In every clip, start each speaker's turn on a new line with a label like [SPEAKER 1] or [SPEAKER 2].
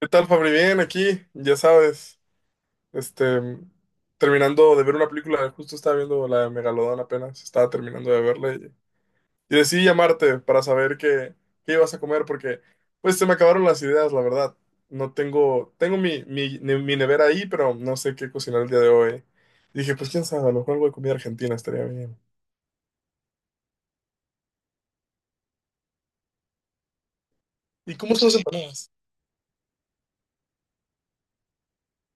[SPEAKER 1] ¿Qué tal, Fabri? Bien, aquí, ya sabes, este, terminando de ver una película, justo estaba viendo la de Megalodón apenas, estaba terminando de verla y decidí llamarte para saber qué ibas a comer porque, pues, se me acabaron las ideas, la verdad. No tengo mi nevera ahí, pero no sé qué cocinar el día de hoy. Dije, pues, quién sabe, a lo mejor algo de comida argentina estaría bien. ¿Y cómo son las empanadas?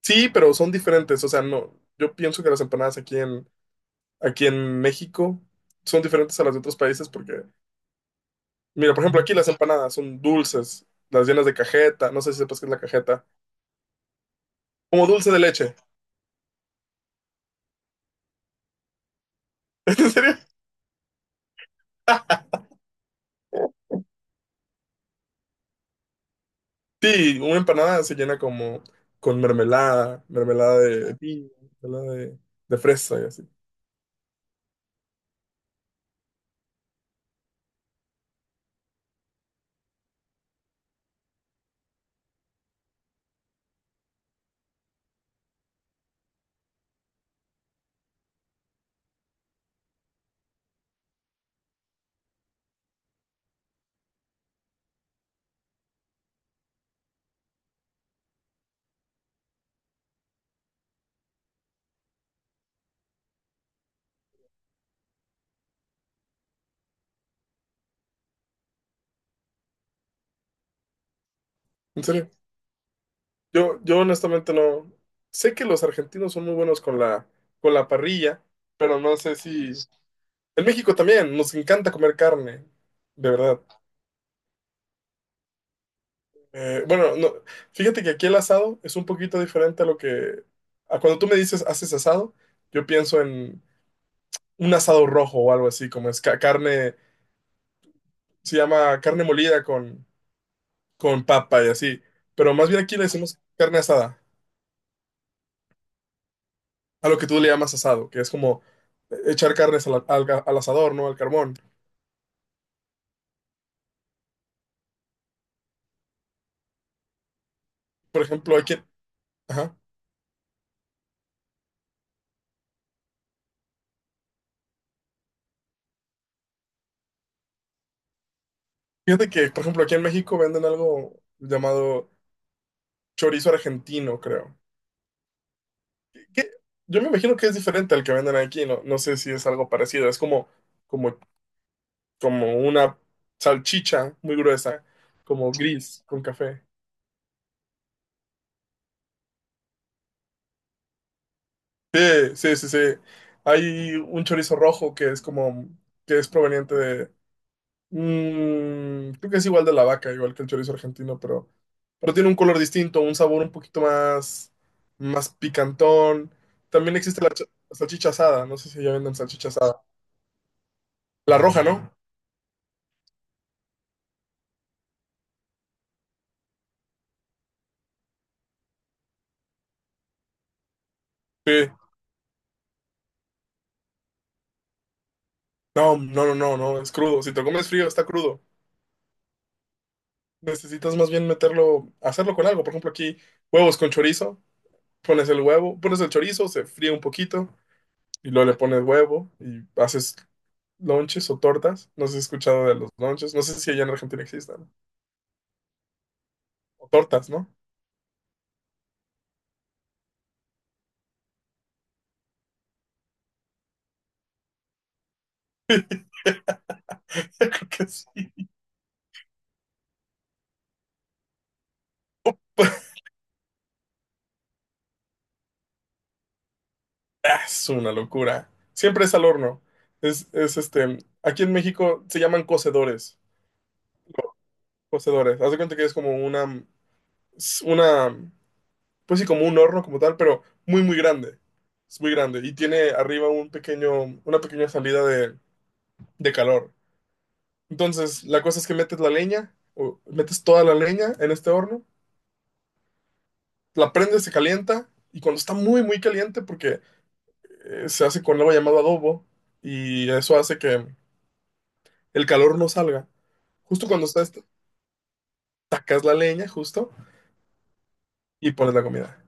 [SPEAKER 1] Sí, pero son diferentes, o sea, no, yo pienso que las empanadas aquí en México son diferentes a las de otros países porque. Mira, por ejemplo, aquí las empanadas son dulces, las llenas de cajeta, no sé si sepas qué es la cajeta, como dulce de leche. ¿En serio? Ah, sí, una empanada se llena como con mermelada, mermelada de piña, mermelada de fresa y así. ¿En serio? Yo honestamente no. Sé que los argentinos son muy buenos con la parrilla, pero no sé si. En México también nos encanta comer carne, de verdad. Bueno, no, fíjate que aquí el asado es un poquito diferente a lo que. A cuando tú me dices haces asado, yo pienso en un asado rojo o algo así, como es carne, se llama carne molida con papa y así, pero más bien aquí le decimos carne asada, a lo que tú le llamas asado, que es como echar carnes al asador, ¿no? Al carbón. Por ejemplo, aquí. Ajá. Fíjate que, por ejemplo, aquí en México venden algo llamado chorizo argentino, creo. que- Yo me imagino que es diferente al que venden aquí, no, no sé si es algo parecido, es como, como una salchicha muy gruesa, como gris con café. Sí, sí, sí, sí. Hay un chorizo rojo que es como, que es proveniente de, creo que es igual de la vaca, igual que el chorizo argentino, pero tiene un color distinto, un sabor un poquito más, más picantón. También existe la salchicha asada, no sé si ya venden salchicha asada. La roja, ¿no? Sí, no, no, no, no, no, es crudo. Si te lo comes frío, está crudo. Necesitas más bien meterlo, hacerlo con algo. Por ejemplo, aquí huevos con chorizo. Pones el huevo, pones el chorizo, se fríe un poquito y luego le pones huevo y haces lonches o tortas. No sé si has escuchado de los lonches. No sé si allá en Argentina existan. O tortas, ¿no? Creo que sí. Ah, es una locura. Siempre es al horno. Es este. Aquí en México se llaman cocedores. Cocedores. Haz de cuenta que es como una pues sí, como un horno como tal, pero muy, muy grande. Es muy grande y tiene arriba un pequeño, una pequeña salida de calor. Entonces, la cosa es que metes la leña, o metes toda la leña en este horno, la prendes, se calienta y cuando está muy, muy caliente, porque se hace con algo llamado adobo y eso hace que el calor no salga. Justo cuando está, sacas la leña, justo, y pones la comida.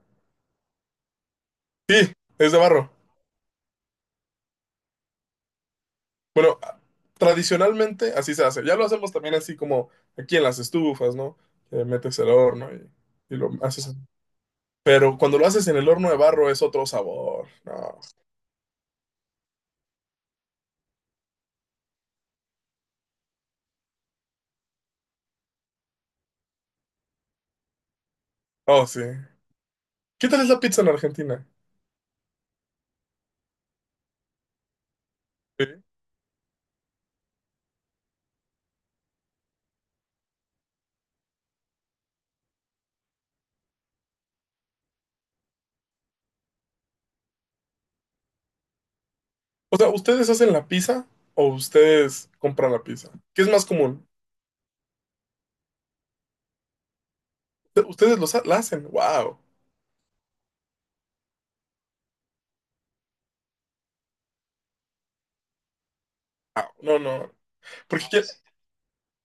[SPEAKER 1] Sí, es de barro. Bueno, tradicionalmente así se hace. Ya lo hacemos también así como aquí en las estufas, ¿no? Que metes el horno y lo haces. Pero cuando lo haces en el horno de barro es otro sabor. No. Oh, sí. ¿Qué tal es la pizza en Argentina? Sí. O sea, ¿ustedes hacen la pizza o ustedes compran la pizza? ¿Qué es más común? Ustedes los ha- la hacen. Wow. No, no. Porque que-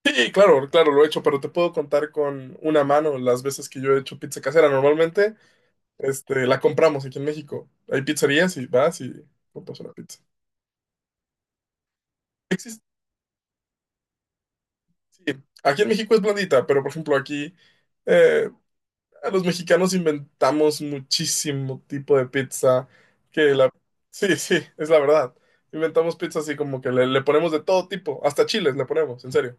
[SPEAKER 1] sí, claro, claro, lo he hecho, pero te puedo contar con una mano las veces que yo he hecho pizza casera. Normalmente este, la compramos aquí en México. Hay pizzerías y vas y compras una pizza. Existe, sí. Aquí en México es blandita, pero por ejemplo aquí eh, a los mexicanos inventamos muchísimo tipo de pizza que la. Sí, sí, es la verdad. Inventamos pizza así como que le ponemos de todo tipo, hasta chiles le ponemos, en serio.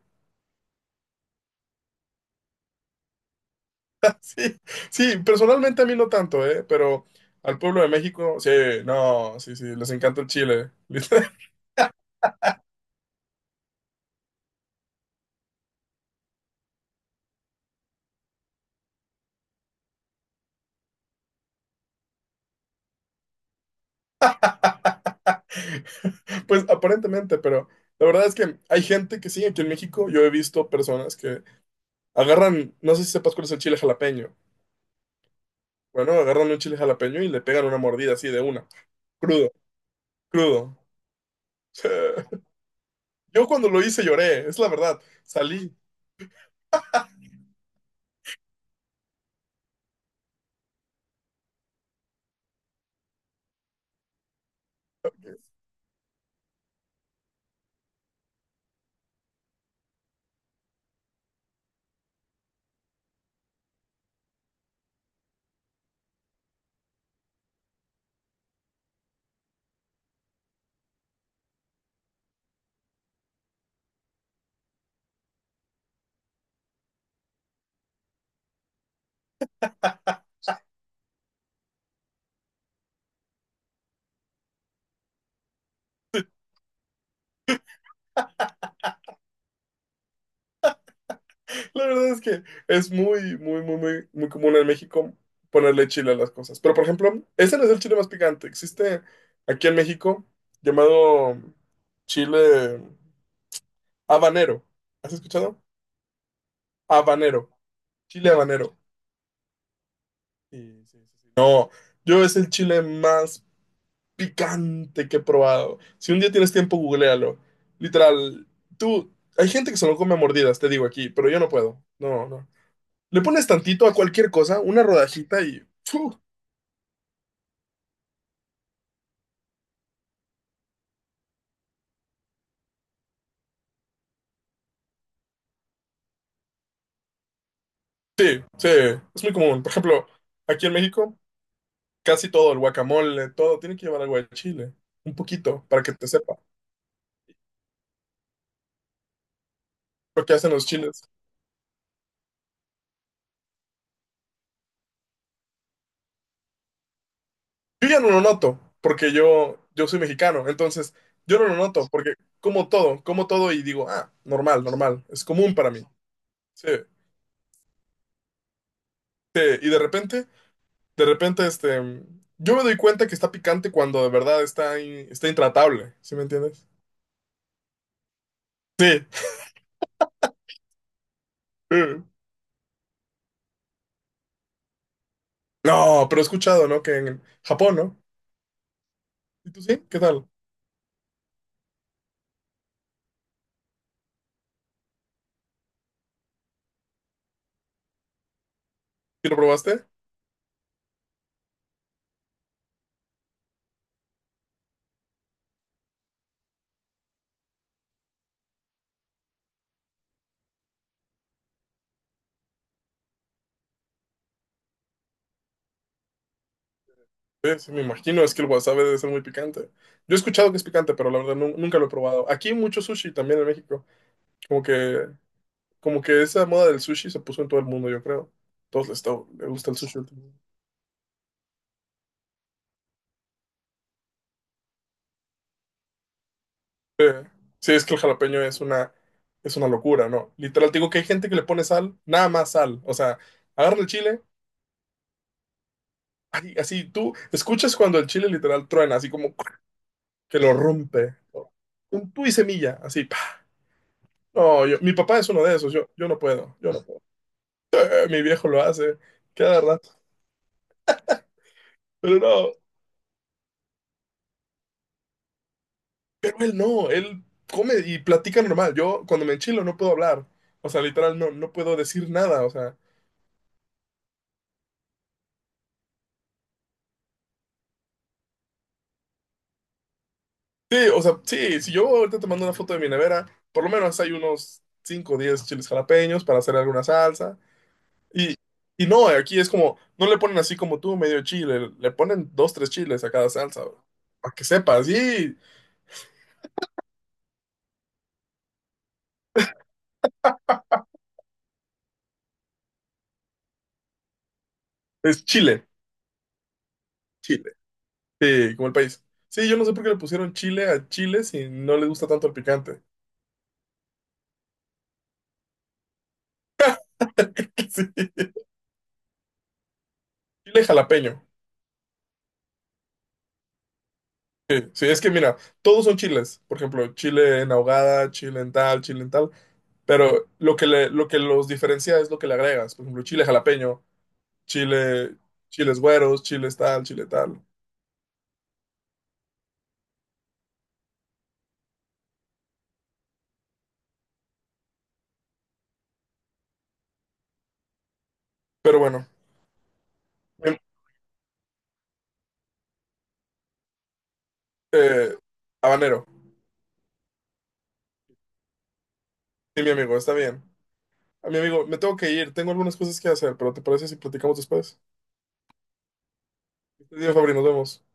[SPEAKER 1] Sí, sí, personalmente a mí no tanto, ¿eh? Pero al pueblo de México, sí, no, sí, sí, les encanta el chile. Pues aparentemente, pero la verdad es que hay gente que sí, aquí en México yo he visto personas que agarran, no sé si sepas cuál es el chile jalapeño. Bueno, agarran un chile jalapeño y le pegan una mordida así de una, crudo, crudo. Yo cuando lo hice lloré, es la verdad, salí. La verdad es que es muy, muy, muy, muy, muy común en México ponerle chile a las cosas. Pero por ejemplo, ese no es el chile más picante. Existe aquí en México llamado chile habanero. ¿Has escuchado? Habanero. Chile habanero. Sí, sí, sí, sí. No, yo es el chile más picante que he probado. Si un día tienes tiempo, googlealo. Literal, tú, hay gente que se lo come a mordidas, te digo aquí, pero yo no puedo. No, no. Le pones tantito a cualquier cosa, una rodajita y ¡fu! Sí, sí, es muy común. Por ejemplo, aquí en México, casi todo, el guacamole, todo, tiene que llevar algo de chile. Un poquito, para que te sepa lo que hacen los chiles. Yo ya no lo noto, porque yo soy mexicano, entonces yo no lo noto, porque como todo y digo, ah, normal, normal, es común para mí. Sí, sí, y de repente, yo me doy cuenta que está picante cuando de verdad está, está intratable, ¿sí me entiendes? Sí. Mm. No, pero he escuchado, ¿no? Que en Japón, ¿no? ¿Y tú sí? ¿Qué tal? ¿Sí lo probaste? Sí, sí, me imagino, es que el wasabi debe ser muy picante. Yo he escuchado que es picante, pero la verdad nunca lo he probado. Aquí hay mucho sushi también en México. Como que Como que esa moda del sushi se puso en todo el mundo, yo creo. Todos les gusta el sushi. Últimamente. Eh, Sí, es que el jalapeño es una locura, ¿no? Literal, te digo que hay gente que le pone sal, nada más sal. O sea, agarra el chile, ay, así tú escuchas cuando el chile literal truena, así como que lo rompe, ¿no? Un tú y semilla, así. Pa. No, mi papá es uno de esos, yo no puedo, yo no puedo. Mi viejo lo hace, cada rato. Pero no, pero él no, él come y platica normal. Yo cuando me enchilo no puedo hablar. O sea, literal, no, no puedo decir nada. O sea, sí, si yo ahorita te mando una foto de mi nevera, por lo menos hay unos 5 o 10 chiles jalapeños para hacer alguna salsa. Y, y no, aquí es como, no le ponen así como tú, medio chile, le ponen dos, tres chiles a cada salsa. Bro. Para que sepas, sí, es chile, chile, sí, como el país. Sí, yo no sé por qué le pusieron chile a chile si no le gusta tanto el picante. Sí, chile jalapeño. Sí, sí, es que mira, todos son chiles. Por ejemplo, chile en ahogada, chile en tal, chile en tal. Pero lo que los diferencia es lo que le agregas. Por ejemplo, chile jalapeño, chile, chiles güeros, chiles tal, chile tal. Pero bueno, em, eh, habanero. Sí, mi amigo, está bien. A mi amigo, me tengo que ir. Tengo algunas cosas que hacer, pero ¿te parece si platicamos después? Este día, Fabri, nos vemos.